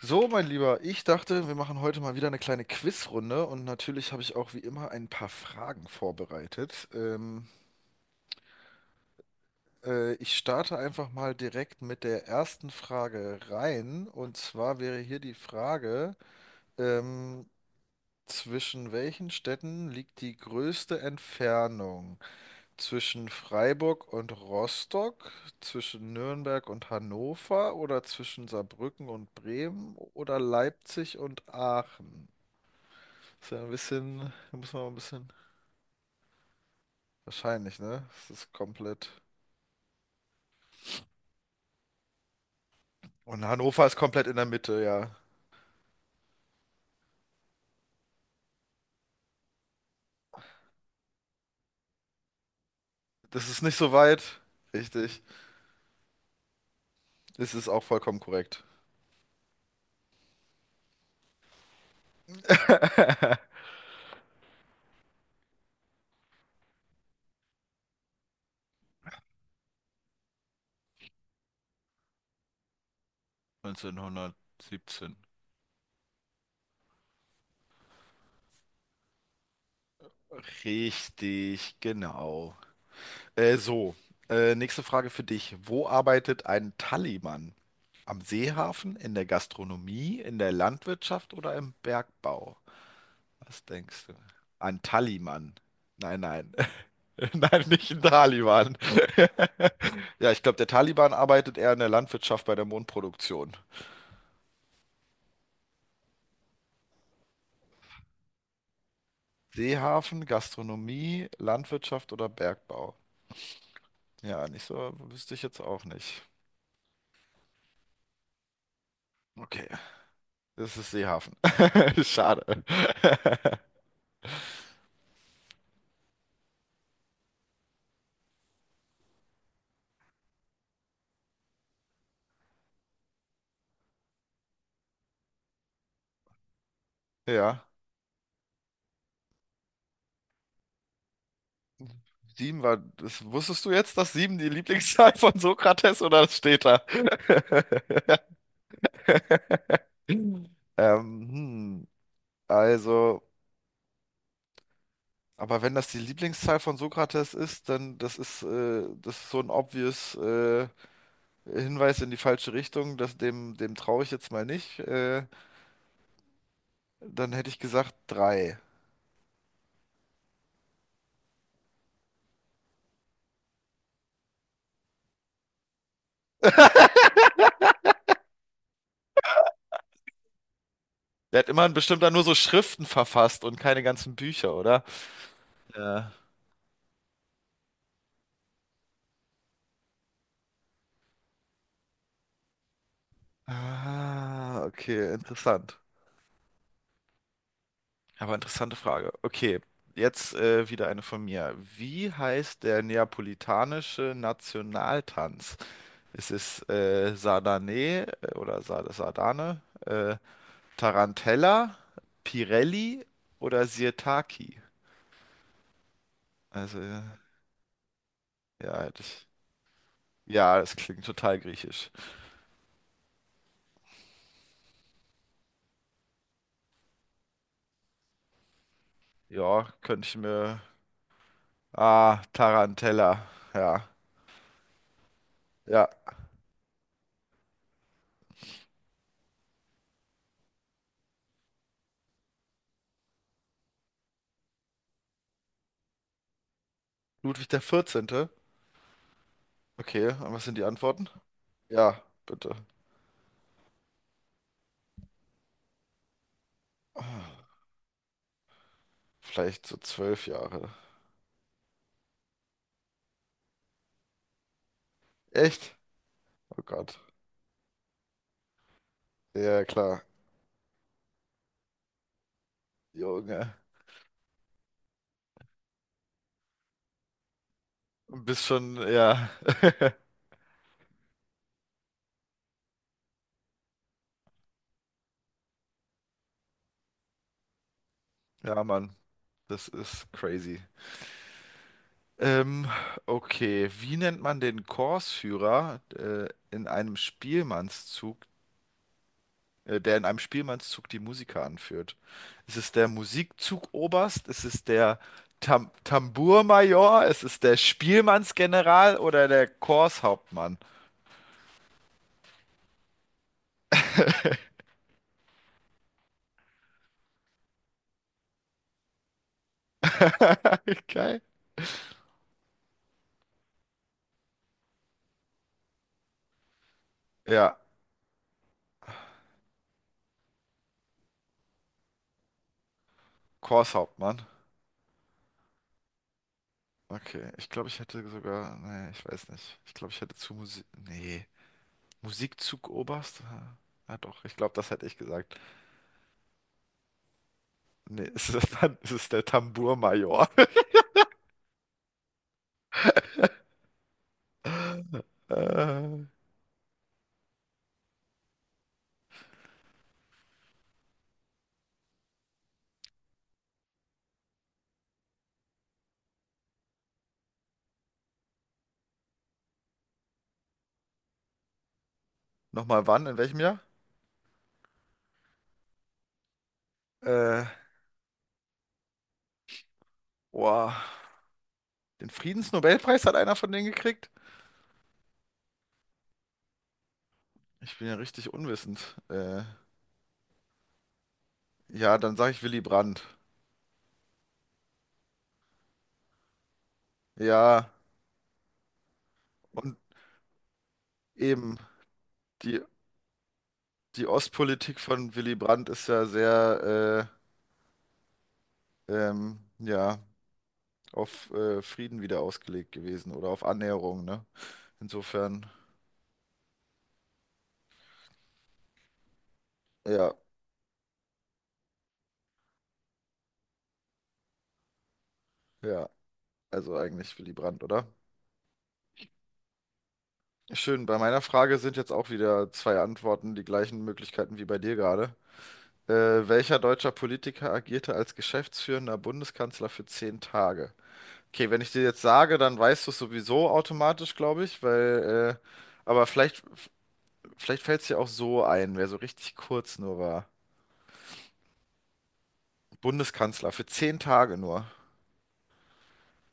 So, mein Lieber, ich dachte, wir machen heute mal wieder eine kleine Quizrunde und natürlich habe ich auch wie immer ein paar Fragen vorbereitet. Ich starte einfach mal direkt mit der ersten Frage rein und zwar wäre hier die Frage, ähm, zwischen welchen Städten liegt die größte Entfernung? Zwischen Freiburg und Rostock, zwischen Nürnberg und Hannover oder zwischen Saarbrücken und Bremen oder Leipzig und Aachen? Ist ja ein bisschen, da muss man mal ein bisschen. Wahrscheinlich, ne? Das ist komplett. Und Hannover ist komplett in der Mitte, ja. Das ist nicht so weit. Richtig. Das ist auch vollkommen korrekt. 1917. Richtig, genau. So. Nächste Frage für dich. Wo arbeitet ein Tallymann? Am Seehafen, in der Gastronomie, in der Landwirtschaft oder im Bergbau? Was denkst du? Ein Taliban. Nein, nein. Nein, nicht ein Taliban. Ja, ich glaube, der Taliban arbeitet eher in der Landwirtschaft bei der Mondproduktion. Seehafen, Gastronomie, Landwirtschaft oder Bergbau? Ja, nicht so, wüsste ich jetzt auch nicht. Okay, das ist Seehafen. Schade. Ja, sieben war, das, wusstest du jetzt, dass sieben die Lieblingszahl von Sokrates oder das steht da? Hm, also. Aber wenn das die Lieblingszahl von Sokrates ist, dann das ist so ein obvious Hinweis in die falsche Richtung, dass dem traue ich jetzt mal nicht. Dann hätte ich gesagt drei. Der hat immerhin bestimmt dann nur so Schriften verfasst und keine ganzen Bücher, oder? Ja. Ah, okay, interessant. Aber interessante Frage. Okay, jetzt wieder eine von mir. Wie heißt der neapolitanische Nationaltanz? Es ist Sardane oder Sardane, Tarantella, Pirelli oder Sirtaki. Also, ja, das, ja, das klingt total griechisch. Ja, könnte ich mir. Ah, Tarantella. Ja, ja. Ludwig der 14. Okay, und was sind die Antworten? Ja, bitte. Ah, vielleicht so 12 Jahre. Echt? Oh Gott. Ja, klar. Junge. Bist schon, ja. Ja, Mann. Das ist crazy. Ähm, okay, wie nennt man den Chorsführer in einem Spielmannszug, der in einem Spielmannszug die Musiker anführt? Ist es der Musikzugoberst? Ist es der Tambourmajor? Ist es der Spielmannsgeneral oder der Chorshauptmann? Geil. Ja, Chorshauptmann. Okay, ich glaube, ich hätte sogar. Nee, ich weiß nicht. Ich glaube, ich hätte zu Musik. Nee. Musikzugoberst? Ah, doch, ich glaube, das hätte ich gesagt. Nee, es ist, dann, es ist der Tambourmajor. Äh, Nochmal wann? In welchem Jahr? Äh, Boah, den Friedensnobelpreis hat einer von denen gekriegt? Ich bin ja richtig unwissend. Ja, dann sage ich Willy Brandt. Ja, und eben, die, die Ostpolitik von Willy Brandt ist ja sehr, ja, auf Frieden wieder ausgelegt gewesen oder auf Annäherung, ne? Insofern, ja. Ja, also eigentlich Willy Brandt, oder? Schön, bei meiner Frage sind jetzt auch wieder zwei Antworten, die gleichen Möglichkeiten wie bei dir gerade. Welcher deutscher Politiker agierte als geschäftsführender Bundeskanzler für 10 Tage? Okay, wenn ich dir jetzt sage, dann weißt du es sowieso automatisch, glaube ich, weil, aber vielleicht fällt es dir auch so ein, wer so richtig kurz nur war. Bundeskanzler für 10 Tage nur.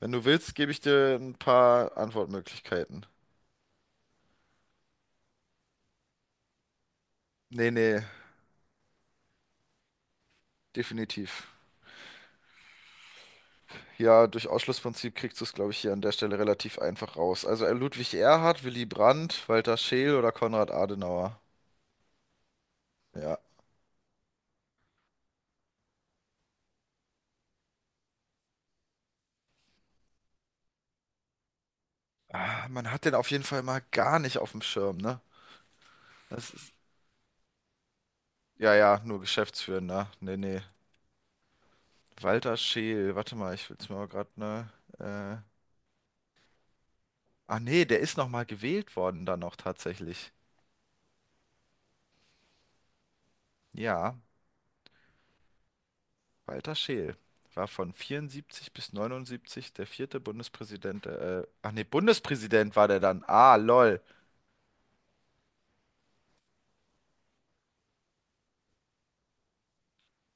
Wenn du willst, gebe ich dir ein paar Antwortmöglichkeiten. Nee, nee, definitiv. Ja, durch Ausschlussprinzip kriegst du es, glaube ich, hier an der Stelle relativ einfach raus. Also Ludwig Erhard, Willy Brandt, Walter Scheel oder Konrad Adenauer. Ja. Ah, man hat den auf jeden Fall mal gar nicht auf dem Schirm, ne? Das ist, ja, ja, nur Geschäftsführender. Nee, nee. Walter Scheel, warte mal, ich will's mir mal gerade, ne? Äh, Nee, der ist noch mal gewählt worden dann noch tatsächlich. Ja, Walter Scheel war von 74 bis 79 der vierte Bundespräsident. Ach nee, Bundespräsident war der dann. Ah, lol.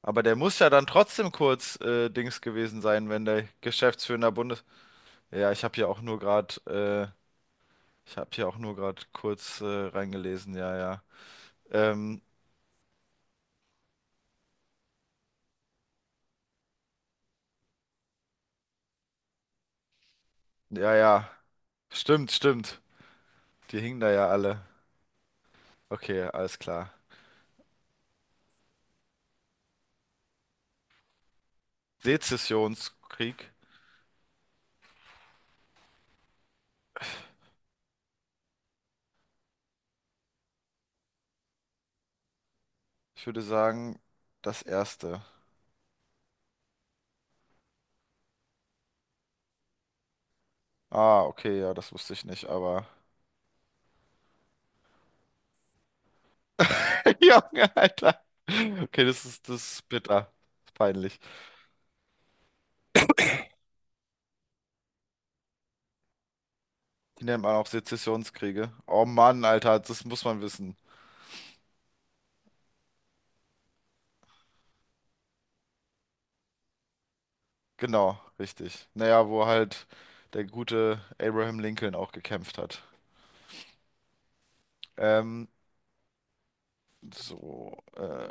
Aber der muss ja dann trotzdem kurz Dings gewesen sein, wenn der Geschäftsführender Bundes... Ja, ich habe hier auch nur gerade kurz reingelesen. Ja, ja. Ähm, ja, ja. Stimmt, stimmt. Die hingen da ja alle. Okay, alles klar. Sezessionskrieg. Ich würde sagen, das erste. Ah, okay, ja, das wusste ich nicht, aber. Junge, Alter. Okay, das ist bitter. Peinlich. Die nennt man auch Sezessionskriege. Oh Mann, Alter, das muss man wissen. Genau, richtig. Naja, wo halt der gute Abraham Lincoln auch gekämpft hat. Ähm, so, äh,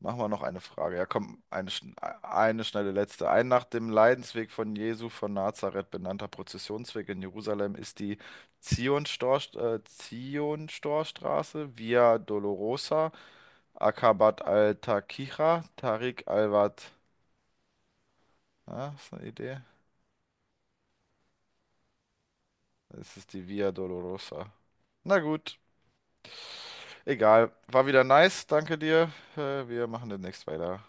machen wir noch eine Frage. Ja, komm, eine schnelle letzte. Ein nach dem Leidensweg von Jesu von Nazareth benannter Prozessionsweg in Jerusalem ist die Zionstorstraße Via Dolorosa, Akabat al-Taqiya, Tariq al-Wad. Ah, ist eine Idee? Es ist die Via Dolorosa. Na gut. Egal, war wieder nice, danke dir. Wir machen demnächst weiter.